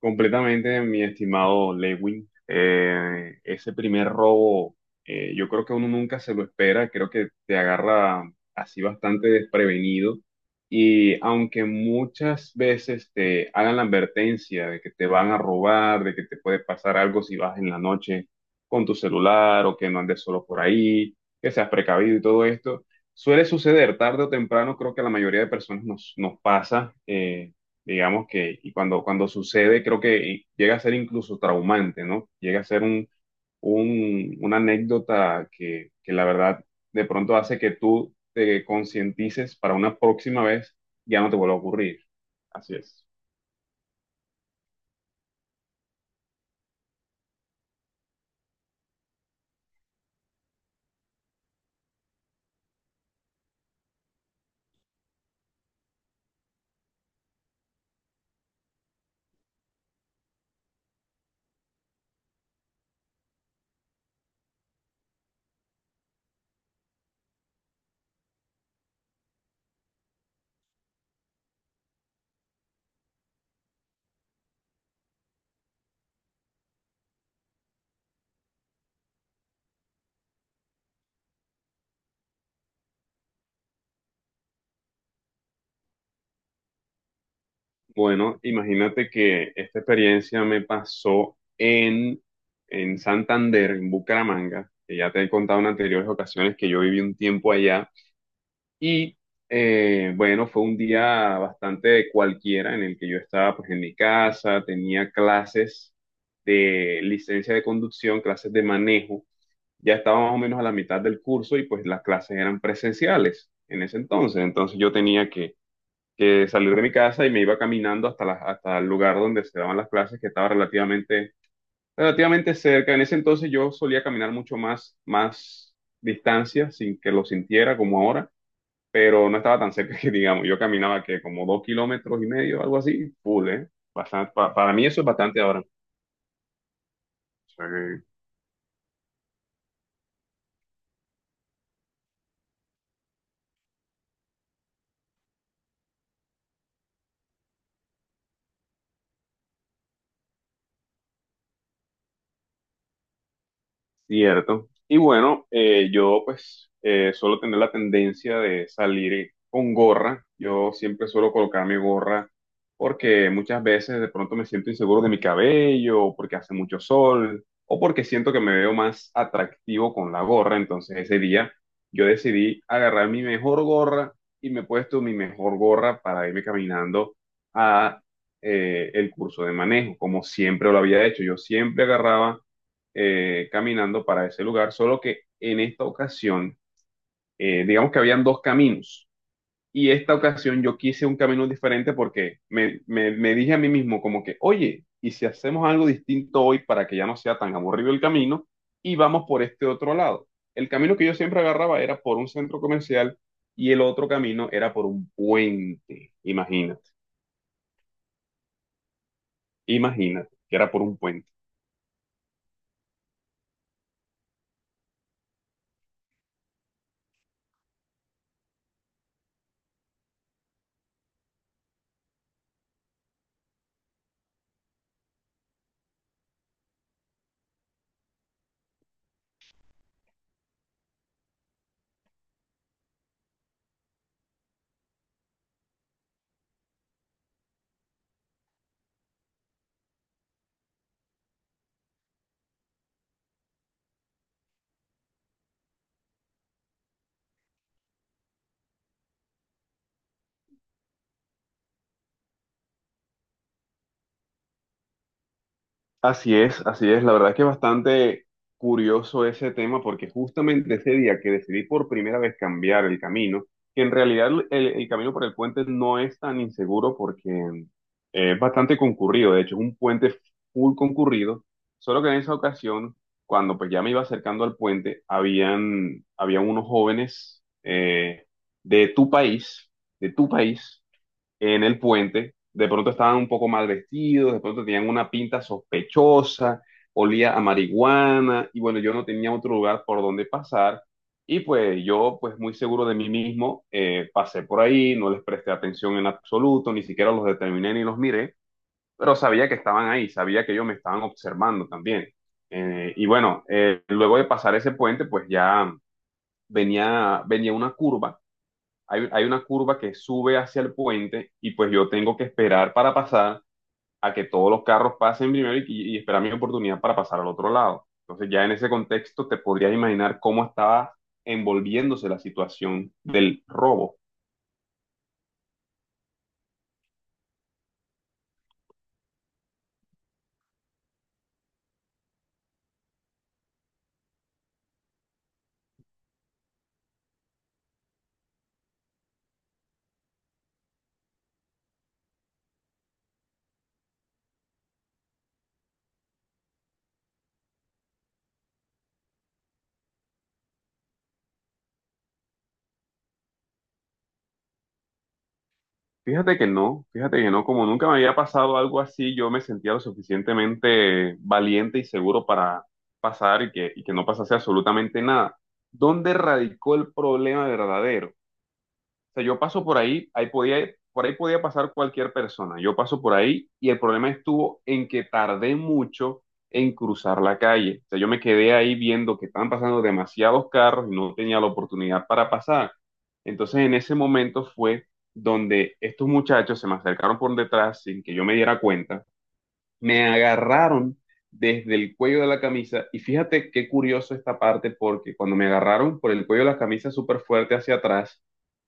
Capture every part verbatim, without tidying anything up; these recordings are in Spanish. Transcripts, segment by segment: Completamente, mi estimado Lewin. Eh, ese primer robo, eh, yo creo que uno nunca se lo espera, creo que te agarra así bastante desprevenido. Y aunque muchas veces te hagan la advertencia de que te van a robar, de que te puede pasar algo si vas en la noche con tu celular o que no andes solo por ahí, que seas precavido y todo esto, suele suceder tarde o temprano, creo que a la mayoría de personas nos, nos pasa. eh, digamos que, y cuando, cuando sucede, creo que llega a ser incluso traumante, ¿no? Llega a ser un, un- una anécdota que, que la verdad de pronto hace que tú te concientices para una próxima vez, ya no te vuelva a ocurrir. Así es. Bueno, imagínate que esta experiencia me pasó en, en, Santander, en Bucaramanga, que ya te he contado en anteriores ocasiones que yo viví un tiempo allá. Y eh, bueno, fue un día bastante cualquiera en el que yo estaba pues en mi casa, tenía clases de licencia de conducción, clases de manejo, ya estaba más o menos a la mitad del curso y pues las clases eran presenciales en ese entonces, entonces yo tenía que, que salir de mi casa y me iba caminando hasta, la- hasta el lugar donde se daban las clases, que estaba relativamente, relativamente cerca. En ese entonces yo solía caminar mucho más, más distancia sin que lo sintiera como ahora, pero no estaba tan cerca que digamos, yo caminaba que como dos kilómetros y medio, algo así, full, ¿eh? Bastan- pa- para mí eso es bastante ahora. O sea, que Cierto. Y bueno, eh, yo pues eh, suelo tener la tendencia de salir con gorra. Yo siempre suelo colocar mi gorra porque muchas veces de pronto me siento inseguro de mi cabello, o porque hace mucho sol o porque siento que me veo más atractivo con la gorra. Entonces ese día yo decidí agarrar mi mejor gorra y me he puesto mi mejor gorra para irme caminando a eh, el curso de manejo, como siempre lo había hecho. Yo siempre agarraba eh, caminando para ese lugar, solo que en esta ocasión, eh, digamos que habían dos caminos. Y esta ocasión yo quise un camino diferente porque me, me, me dije a mí mismo como que, oye, ¿y si hacemos algo distinto hoy para que ya no sea tan aburrido el camino y vamos por este otro lado? El camino que yo siempre agarraba era por un centro comercial y el otro camino era por un puente. Imagínate, imagínate que era por un puente. Así es, así es. La verdad que es bastante curioso ese tema, porque justamente ese día que decidí por primera vez cambiar el camino, que en realidad el, el camino por el puente no es tan inseguro porque eh, es bastante concurrido, de hecho es un puente full concurrido, solo que en esa ocasión, cuando pues ya me iba acercando al puente, habían, habían unos jóvenes, eh, de tu país, de tu país en el puente, de pronto estaban un poco mal vestidos, de pronto tenían una pinta sospechosa, olía a marihuana, y bueno, yo no tenía otro lugar por donde pasar, y pues yo, pues muy seguro de mí mismo, eh, pasé por ahí, no les presté atención en absoluto, ni siquiera los determiné ni los miré, pero sabía que estaban ahí, sabía que ellos me estaban observando también. Eh, y bueno, eh, luego de pasar ese puente, pues ya venía, venía una curva. Hay, hay una curva que sube hacia el puente y pues yo tengo que esperar para pasar a que todos los carros pasen primero y, y, esperar mi oportunidad para pasar al otro lado. Entonces ya en ese contexto te podrías imaginar cómo estaba envolviéndose la situación del robo. Fíjate que no, fíjate que no, como nunca me había pasado algo así, yo me sentía lo suficientemente valiente y seguro para pasar y que, y que no pasase absolutamente nada. ¿Dónde radicó el problema verdadero? O sea, yo paso por ahí, ahí podía, por ahí podía pasar cualquier persona. Yo paso por ahí y el problema estuvo en que tardé mucho en cruzar la calle. O sea, yo me quedé ahí viendo que estaban pasando demasiados carros y no tenía la oportunidad para pasar. Entonces, en ese momento fue donde estos muchachos se me acercaron por detrás sin que yo me diera cuenta. Me agarraron desde el cuello de la camisa, y fíjate qué curioso esta parte, porque cuando me agarraron por el cuello de la camisa súper fuerte hacia atrás,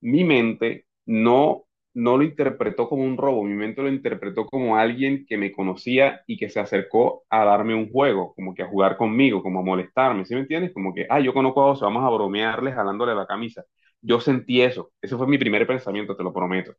mi mente no, no, lo interpretó como un robo, mi mente lo interpretó como alguien que me conocía y que se acercó a darme un juego, como que a jugar conmigo, como a molestarme, ¿sí me entiendes? Como que, ah, yo conozco a Oso, vamos a bromearle jalándole la camisa. Yo sentí eso, ese fue mi primer pensamiento, te lo prometo.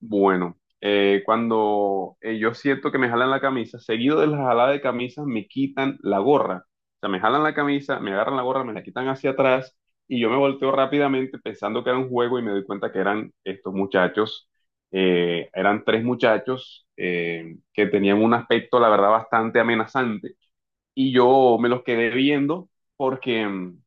Bueno, eh, cuando eh, yo siento que me jalan la camisa, seguido de la jalada de camisas me quitan la gorra. O sea, me jalan la camisa, me agarran la gorra, me la quitan hacia atrás y yo me volteo rápidamente pensando que era un juego y me doy cuenta que eran estos muchachos. eh, eran tres muchachos eh, que tenían un aspecto, la verdad, bastante amenazante, y yo me los quedé viendo porque... mm,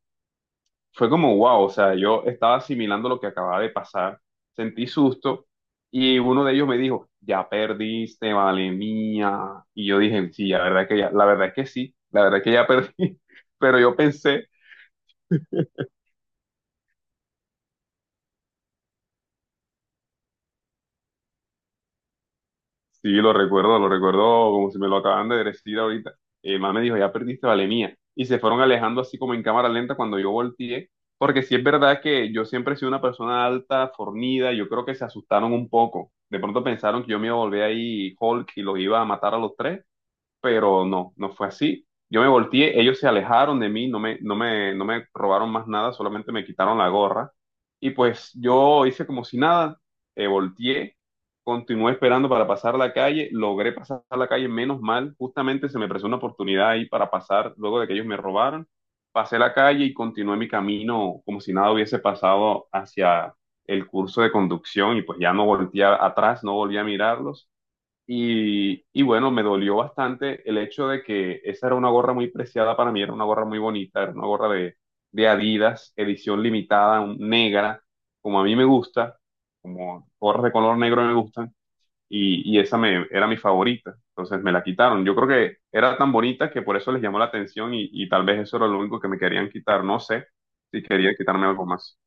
fue como wow. O sea, yo estaba asimilando lo que acababa de pasar, sentí susto, y uno de ellos me dijo, ya perdiste, vale mía. Y yo dije, sí, la verdad que ya, la verdad que sí, la verdad que ya perdí, pero yo pensé. Sí, lo recuerdo, lo recuerdo como si me lo acaban de decir ahorita. Eh, mamá me dijo, ya perdiste la mía. Y se fueron alejando así como en cámara lenta cuando yo volteé, porque sí es verdad que yo siempre he sido una persona alta, fornida, yo creo que se asustaron un poco. De pronto pensaron que yo me iba a volver ahí Hulk y los iba a matar a los tres, pero no, no fue así. Yo me volteé, ellos se alejaron de mí, no me, no me, no me robaron más nada, solamente me quitaron la gorra. Y pues yo hice como si nada, eh, volteé, continué esperando para pasar la calle, logré pasar la calle, menos mal, justamente se me presentó una oportunidad ahí para pasar luego de que ellos me robaron. Pasé la calle y continué mi camino como si nada hubiese pasado hacia el curso de conducción y pues ya no volteé a- atrás, no volví a mirarlos. Y, y bueno, me dolió bastante el hecho de que esa era una gorra muy preciada para mí, era una gorra muy bonita, era una gorra de, de, Adidas, edición limitada, un- negra, como a mí me gusta, como gorras de color negro me gustan, y, y esa me, era mi favorita, entonces me la quitaron. Yo creo que era tan bonita que por eso les llamó la atención, y, y tal vez eso era lo único que me querían quitar, no sé si querían quitarme algo más.